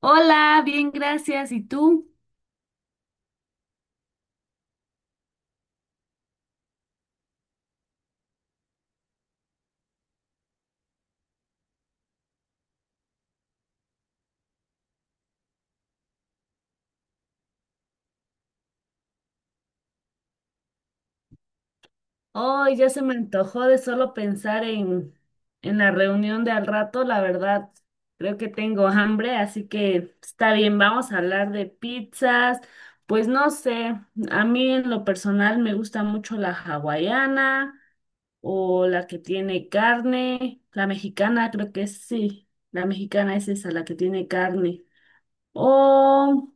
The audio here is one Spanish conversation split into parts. Hola, bien, gracias. ¿Y tú? Hoy ya se me antojó de solo pensar en la reunión de al rato. La verdad, creo que tengo hambre, así que está bien, vamos a hablar de pizzas. Pues no sé, a mí en lo personal me gusta mucho la hawaiana o la que tiene carne. La mexicana, creo que sí. La mexicana es esa, la que tiene carne. O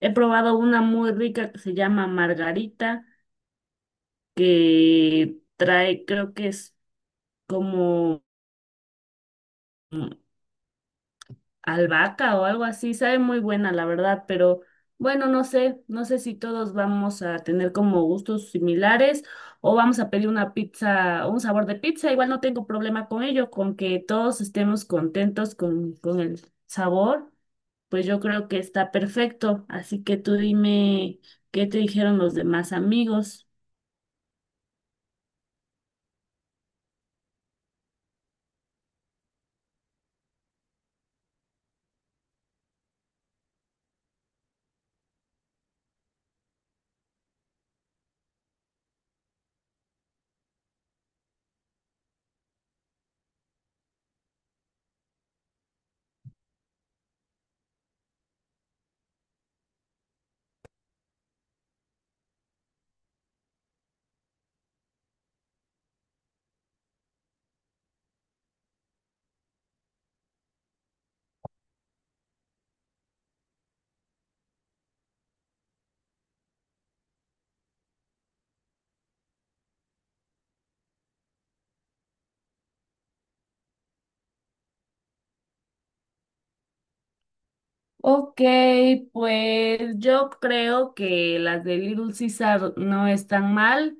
he probado una muy rica que se llama margarita. Que trae, creo que es como mm, albahaca o algo así, sabe muy buena, la verdad, pero bueno, no sé, no sé si todos vamos a tener como gustos similares o vamos a pedir una pizza, un sabor de pizza, igual no tengo problema con ello, con que todos estemos contentos con el sabor, pues yo creo que está perfecto, así que tú dime qué te dijeron los demás amigos. Ok, pues yo creo que las de Little Caesar no están mal,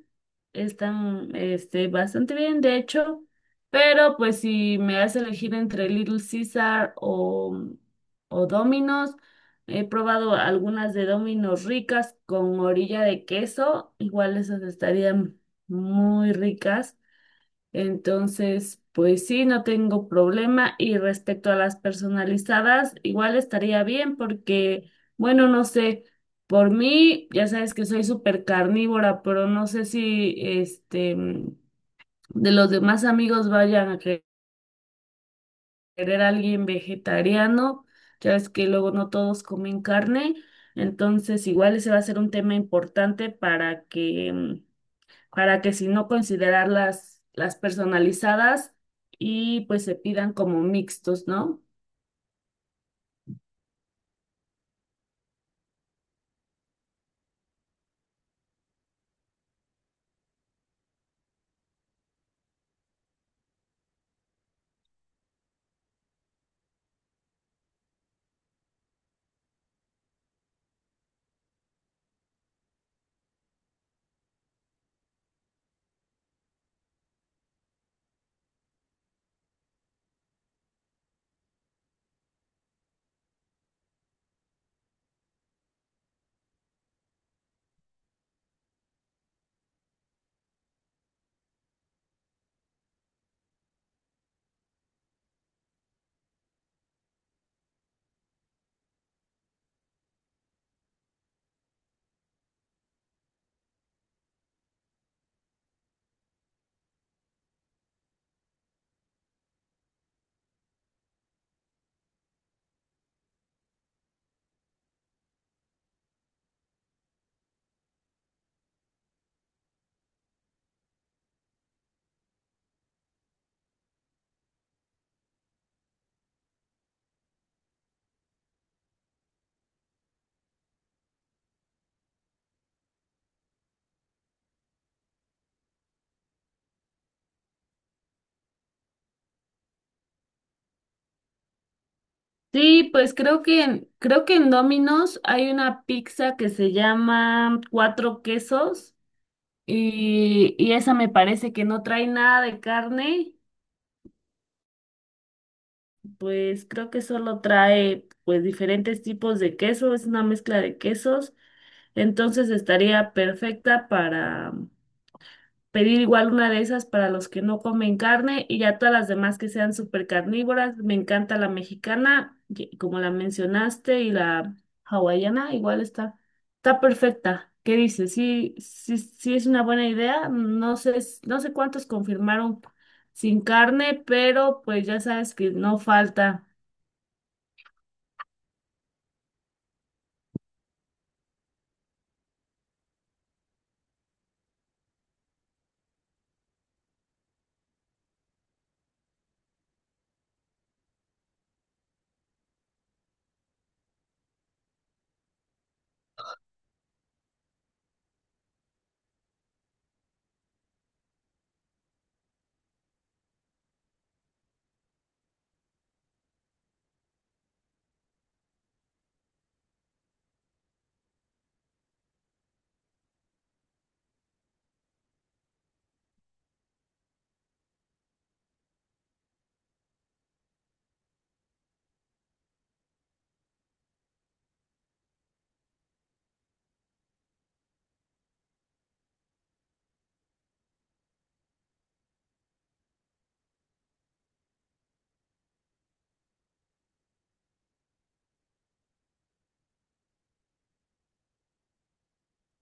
están este, bastante bien, de hecho, pero pues si me das a elegir entre Little Caesar o Domino's, he probado algunas de Domino's ricas con orilla de queso, igual esas estarían muy ricas. Entonces, pues sí, no tengo problema. Y respecto a las personalizadas, igual estaría bien porque, bueno, no sé, por mí, ya sabes que soy súper carnívora, pero no sé si este de los demás amigos vayan a querer a alguien vegetariano. Ya ves que luego no todos comen carne. Entonces, igual ese va a ser un tema importante para que para que si no considerar las personalizadas y pues se pidan como mixtos, ¿no? Sí, pues creo creo que en Domino's hay una pizza que se llama Cuatro Quesos y esa me parece que no trae nada de carne, pues creo que solo trae pues diferentes tipos de queso, es una mezcla de quesos, entonces estaría perfecta para pedir igual una de esas para los que no comen carne y ya todas las demás que sean súper carnívoras. Me encanta la mexicana, como la mencionaste, y la hawaiana, igual está, está perfecta. ¿Qué dices? Sí, sí, sí es una buena idea. No sé, no sé cuántos confirmaron sin carne, pero pues ya sabes que no falta.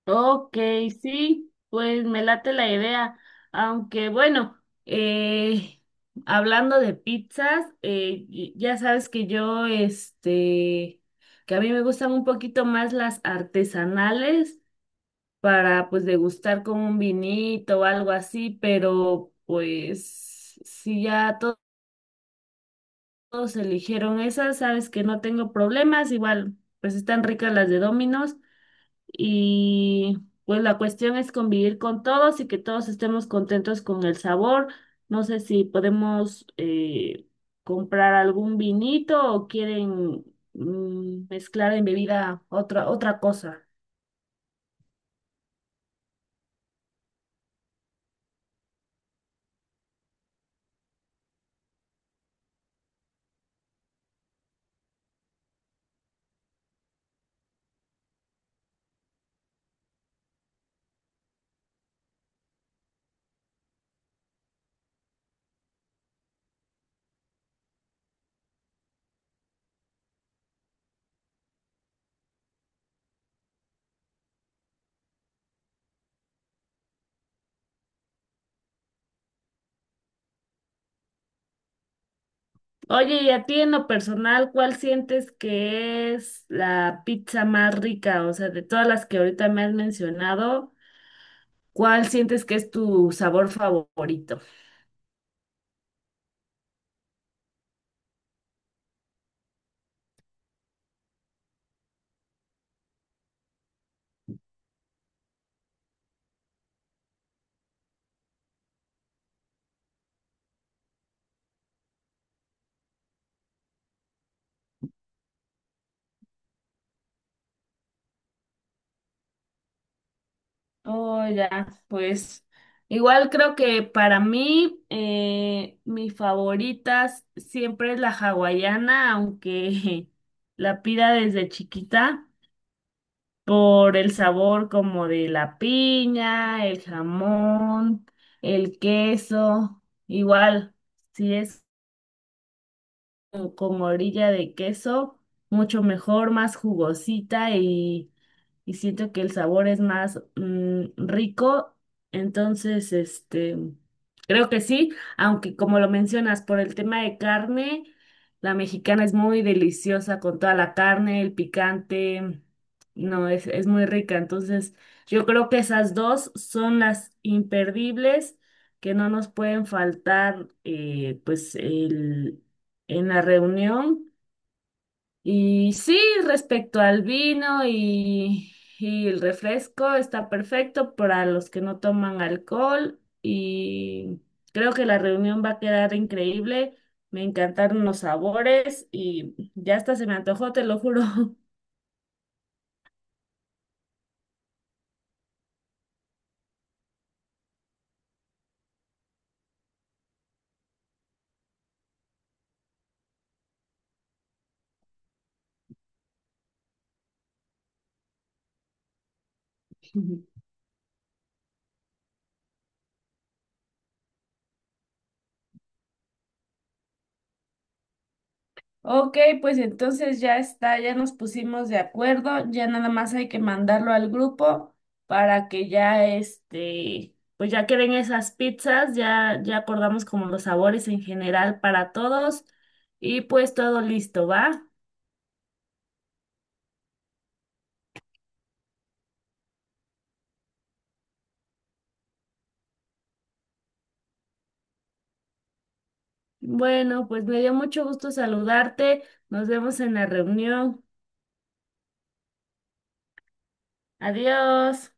Ok, sí, pues me late la idea. Aunque bueno, hablando de pizzas, ya sabes que yo, este, que a mí me gustan un poquito más las artesanales para pues degustar con un vinito o algo así, pero pues si ya todos eligieron esas, sabes que no tengo problemas, igual pues están ricas las de Domino's. Y pues la cuestión es convivir con todos y que todos estemos contentos con el sabor. No sé si podemos comprar algún vinito o quieren mezclar en bebida otra cosa. Oye, y a ti en lo personal, ¿cuál sientes que es la pizza más rica? O sea, de todas las que ahorita me has mencionado, ¿cuál sientes que es tu sabor favorito? Oh, ya, pues igual creo que para mí mi favorita siempre es la hawaiana, aunque la pida desde chiquita por el sabor como de la piña, el jamón, el queso. Igual, si es como con orilla de queso, mucho mejor, más jugosita y siento que el sabor es más rico. Entonces, este, creo que sí, aunque como lo mencionas, por el tema de carne, la mexicana es muy deliciosa con toda la carne, el picante, no, es muy rica. Entonces, yo creo que esas dos son las imperdibles que no nos pueden faltar, pues, el, en la reunión. Y sí, respecto al vino y el refresco, está perfecto para los que no toman alcohol y creo que la reunión va a quedar increíble. Me encantaron los sabores y ya hasta se me antojó, te lo juro. Ok, pues entonces ya está, ya nos pusimos de acuerdo, ya nada más hay que mandarlo al grupo para que ya este, pues ya queden esas pizzas, ya acordamos como los sabores en general para todos y pues todo listo, ¿va? Bueno, pues me dio mucho gusto saludarte, nos vemos en la reunión, adiós.